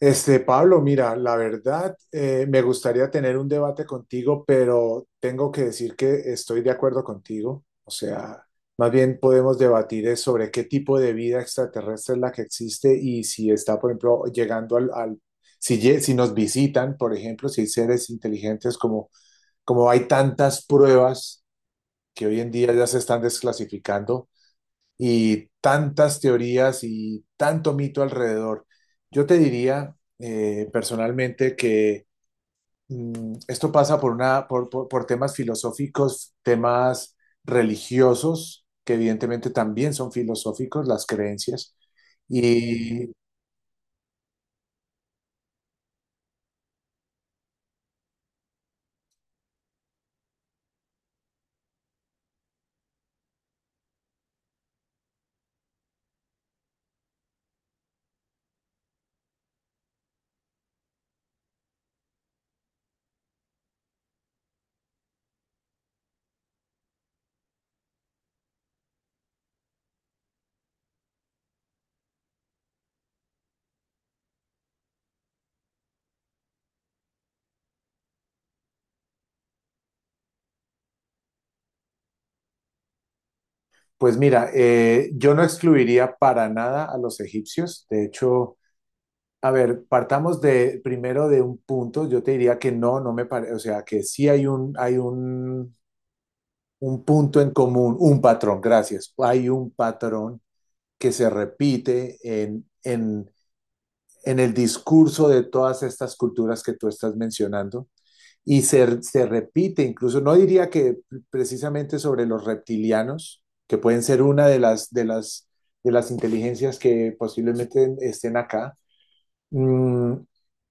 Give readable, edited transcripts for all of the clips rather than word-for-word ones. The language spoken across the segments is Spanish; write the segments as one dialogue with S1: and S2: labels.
S1: Pablo, mira, la verdad, me gustaría tener un debate contigo, pero tengo que decir que estoy de acuerdo contigo. O sea, más bien podemos debatir es sobre qué tipo de vida extraterrestre es la que existe y si está, por ejemplo, llegando si, si nos visitan, por ejemplo, si hay seres inteligentes, como, como hay tantas pruebas que hoy en día ya se están desclasificando y tantas teorías y tanto mito alrededor. Yo te diría personalmente que esto pasa por, una, por temas filosóficos, temas religiosos, que evidentemente también son filosóficos, las creencias. Y pues mira, yo no excluiría para nada a los egipcios. De hecho, a ver, partamos de primero de un punto. Yo te diría que no, no me parece, o sea, que sí hay un un punto en común, un patrón, gracias. Hay un patrón que se repite en el discurso de todas estas culturas que tú estás mencionando y se repite incluso, no diría que precisamente sobre los reptilianos, que pueden ser una de de las inteligencias que posiblemente estén acá, mm,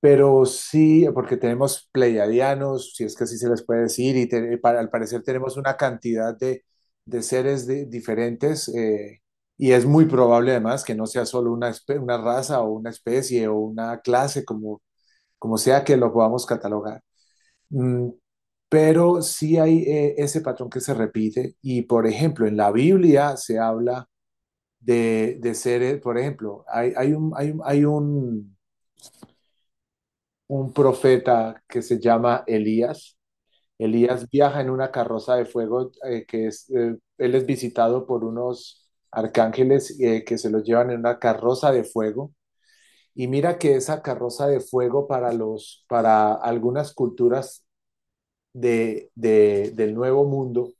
S1: pero sí, porque tenemos pleiadianos, si es que así se les puede decir, y para, al parecer tenemos una cantidad de seres diferentes, y es muy probable además que no sea solo una, una raza o una especie o una clase, como, como sea que lo podamos catalogar. Mm, pero sí hay ese patrón que se repite, y por ejemplo, en la Biblia se habla de seres, por ejemplo, un profeta que se llama Elías. Elías viaja en una carroza de fuego que es, él es visitado por unos arcángeles que se lo llevan en una carroza de fuego. Y mira que esa carroza de fuego para los, para algunas culturas del Nuevo Mundo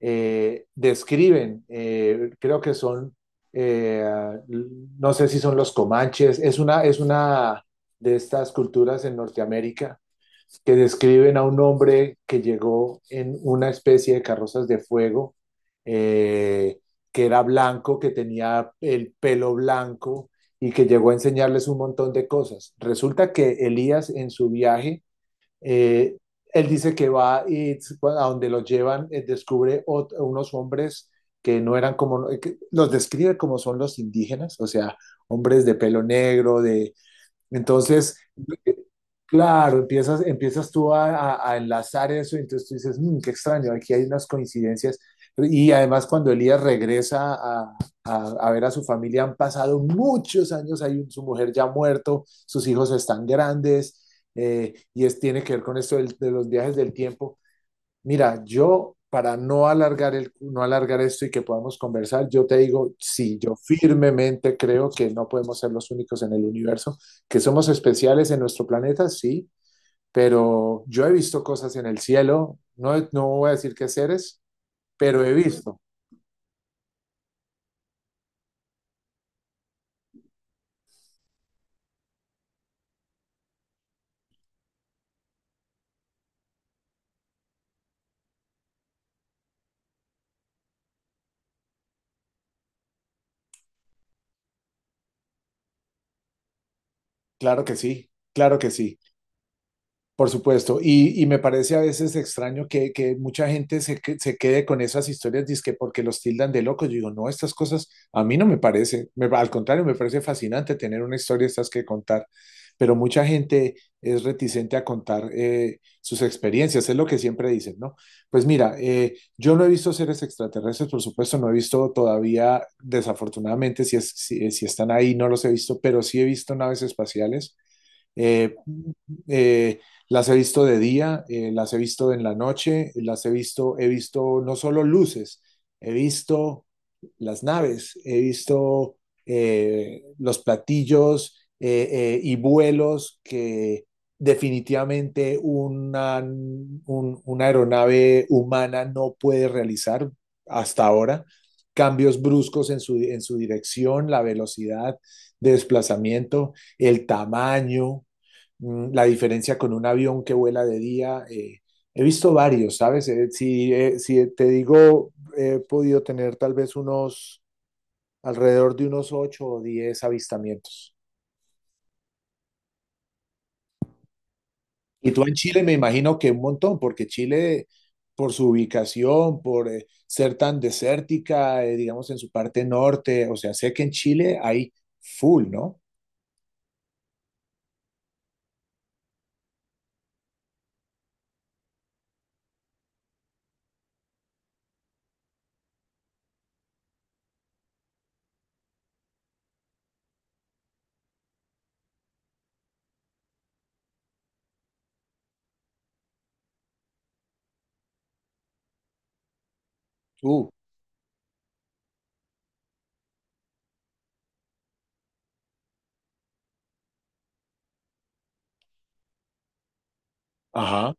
S1: describen, creo que son, eh, no sé si son los comanches, es una de estas culturas en Norteamérica que describen a un hombre que llegó en una especie de carrozas de fuego, eh, que era blanco, que tenía el pelo blanco y que llegó a enseñarles un montón de cosas. Resulta que Elías en su viaje, eh, él dice que va a donde lo llevan, descubre otro, unos hombres que no eran como, que los describe como son los indígenas, o sea, hombres de pelo negro, de, entonces, claro, empiezas tú a, a enlazar eso, y entonces tú dices, "Mm, qué extraño, aquí hay unas coincidencias. Y además cuando Elías regresa a, a ver a su familia, han pasado muchos años, hay su mujer ya muerto, sus hijos están grandes, y es, tiene que ver con esto de los viajes del tiempo. Mira, yo para no alargar el, no alargar esto y que podamos conversar, yo te digo, sí, yo firmemente creo que no podemos ser los únicos en el universo, que somos especiales en nuestro planeta, sí, pero yo he visto cosas en el cielo, no, no voy a decir qué seres, pero he visto, claro que sí, claro que sí. Por supuesto, y me parece a veces extraño que mucha gente se quede con esas historias, dizque porque los tildan de locos. Yo digo, no, estas cosas a mí no me parece, al contrario, me parece fascinante tener una historia de estas que contar, pero mucha gente es reticente a contar sus experiencias, es lo que siempre dicen, ¿no? Pues mira, yo no he visto seres extraterrestres, por supuesto, no he visto todavía, desafortunadamente, si, si están ahí, no los he visto, pero sí he visto naves espaciales. Eh, eh, las he visto de día, las he visto en la noche, las he visto no solo luces, he visto las naves, he visto los platillos y vuelos que definitivamente una, una aeronave humana no puede realizar hasta ahora. Cambios bruscos en su dirección, la velocidad de desplazamiento, el tamaño, mm, la diferencia con un avión que vuela de día. He visto varios, ¿sabes? Si te digo, he podido tener tal vez unos, alrededor de unos 8 o 10 avistamientos. Y tú en Chile me imagino que un montón, porque Chile, por su ubicación, por ser tan desértica, digamos en su parte norte, o sea, sé que en Chile hay full, ¿no? Uh, ajá.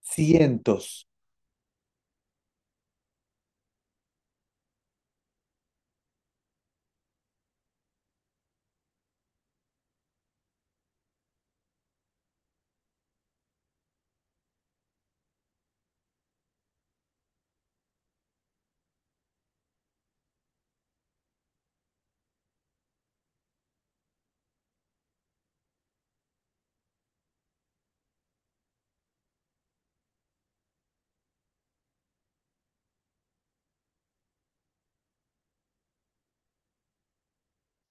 S1: Cientos.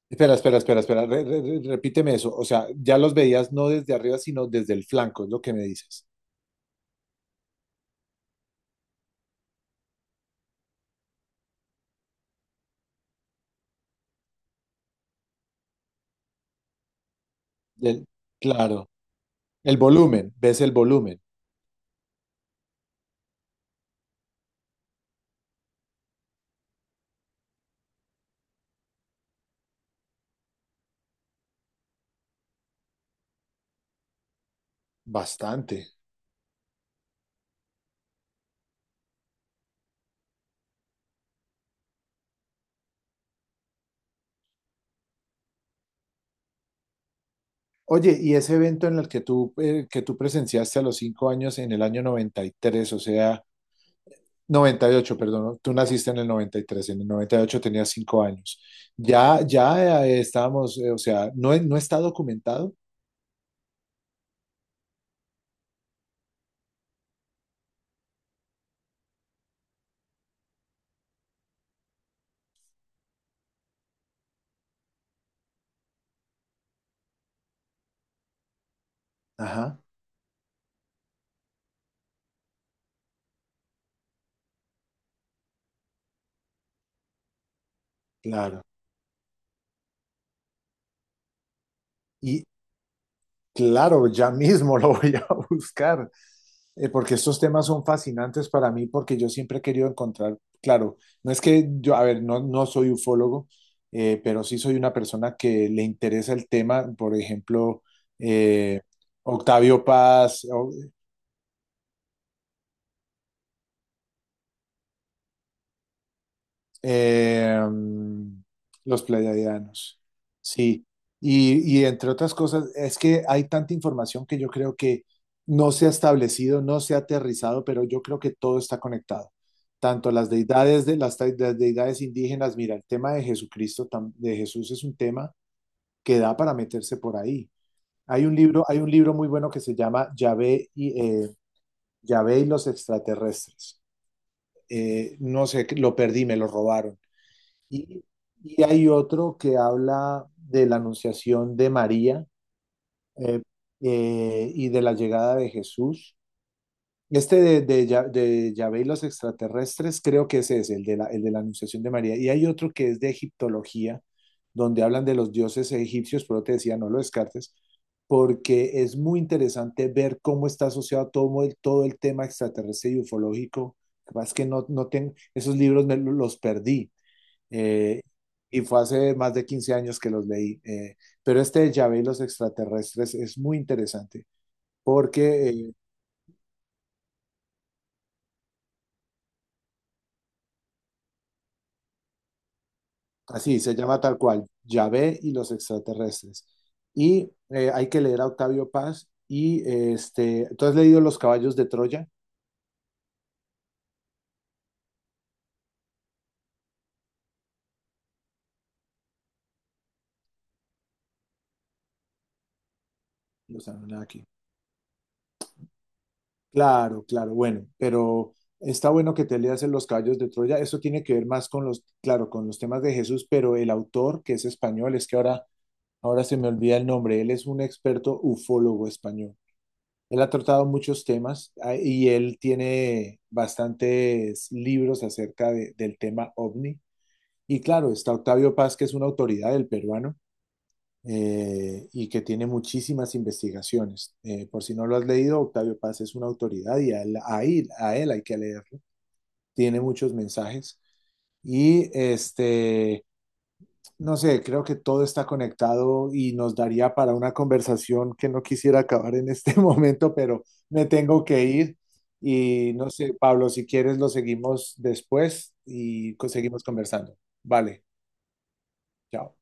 S1: Espera, espera, espera, espera. Repíteme eso. O sea, ya los veías no desde arriba, sino desde el flanco, es lo que me dices. Del- claro. El volumen, ves el volumen. Bastante. Oye, y ese evento en el que tú presenciaste a los 5 años en el año 93, o sea, 98, perdón, ¿no? Tú naciste en el 93, en el 98 tenías 5 años. Ya, ya estábamos, o sea, no, no está documentado. Ajá, claro. Y, claro, ya mismo lo voy a buscar, porque estos temas son fascinantes para mí, porque yo siempre he querido encontrar, claro, no es que yo, a ver, no, no soy ufólogo, pero sí soy una persona que le interesa el tema, por ejemplo, eh, Octavio Paz, o- Eh, los pleiadianos, sí. Y entre otras cosas, es que hay tanta información que yo creo que no se ha establecido, no se ha aterrizado, pero yo creo que todo está conectado. Tanto las deidades de las, las deidades indígenas, mira, el tema de Jesucristo, de Jesús es un tema que da para meterse por ahí. Hay un libro muy bueno que se llama Yahvé y, Yahvé y los extraterrestres. No sé, lo perdí, me lo robaron. Y, y hay otro que habla de la anunciación de María eh, y de la llegada de Jesús. Este de Yahvé y los extraterrestres creo que ese es el de la anunciación de María. Y hay otro que es de egiptología, donde hablan de los dioses egipcios, pero te decía, no lo descartes, porque es muy interesante ver cómo está asociado todo el tema extraterrestre y ufológico. Lo que pasa es que no, no tengo, esos libros los perdí eh, y fue hace más de 15 años que los leí. Pero este de Yahvé y los extraterrestres es muy interesante porque así se llama tal cual, Yahvé y los extraterrestres. Y hay que leer a Octavio Paz y ¿tú has leído Los caballos de Troya? Los Anunnaki. Claro, claro, bueno, pero está bueno que te leas en Los caballos de Troya. Eso tiene que ver más con los, claro, con los temas de Jesús, pero el autor, que es español, es que ahora se me olvida el nombre. Él es un experto ufólogo español. Él ha tratado muchos temas ah, y él tiene bastantes libros acerca del tema ovni. Y claro, está Octavio Paz, que es una autoridad del peruano y que tiene muchísimas investigaciones. Por si no lo has leído, Octavio Paz es una autoridad y a él hay que leerlo. Tiene muchos mensajes. Y este, no sé, creo que todo está conectado y nos daría para una conversación que no quisiera acabar en este momento, pero me tengo que ir y no sé, Pablo, si quieres lo seguimos después y seguimos conversando. Vale, chao.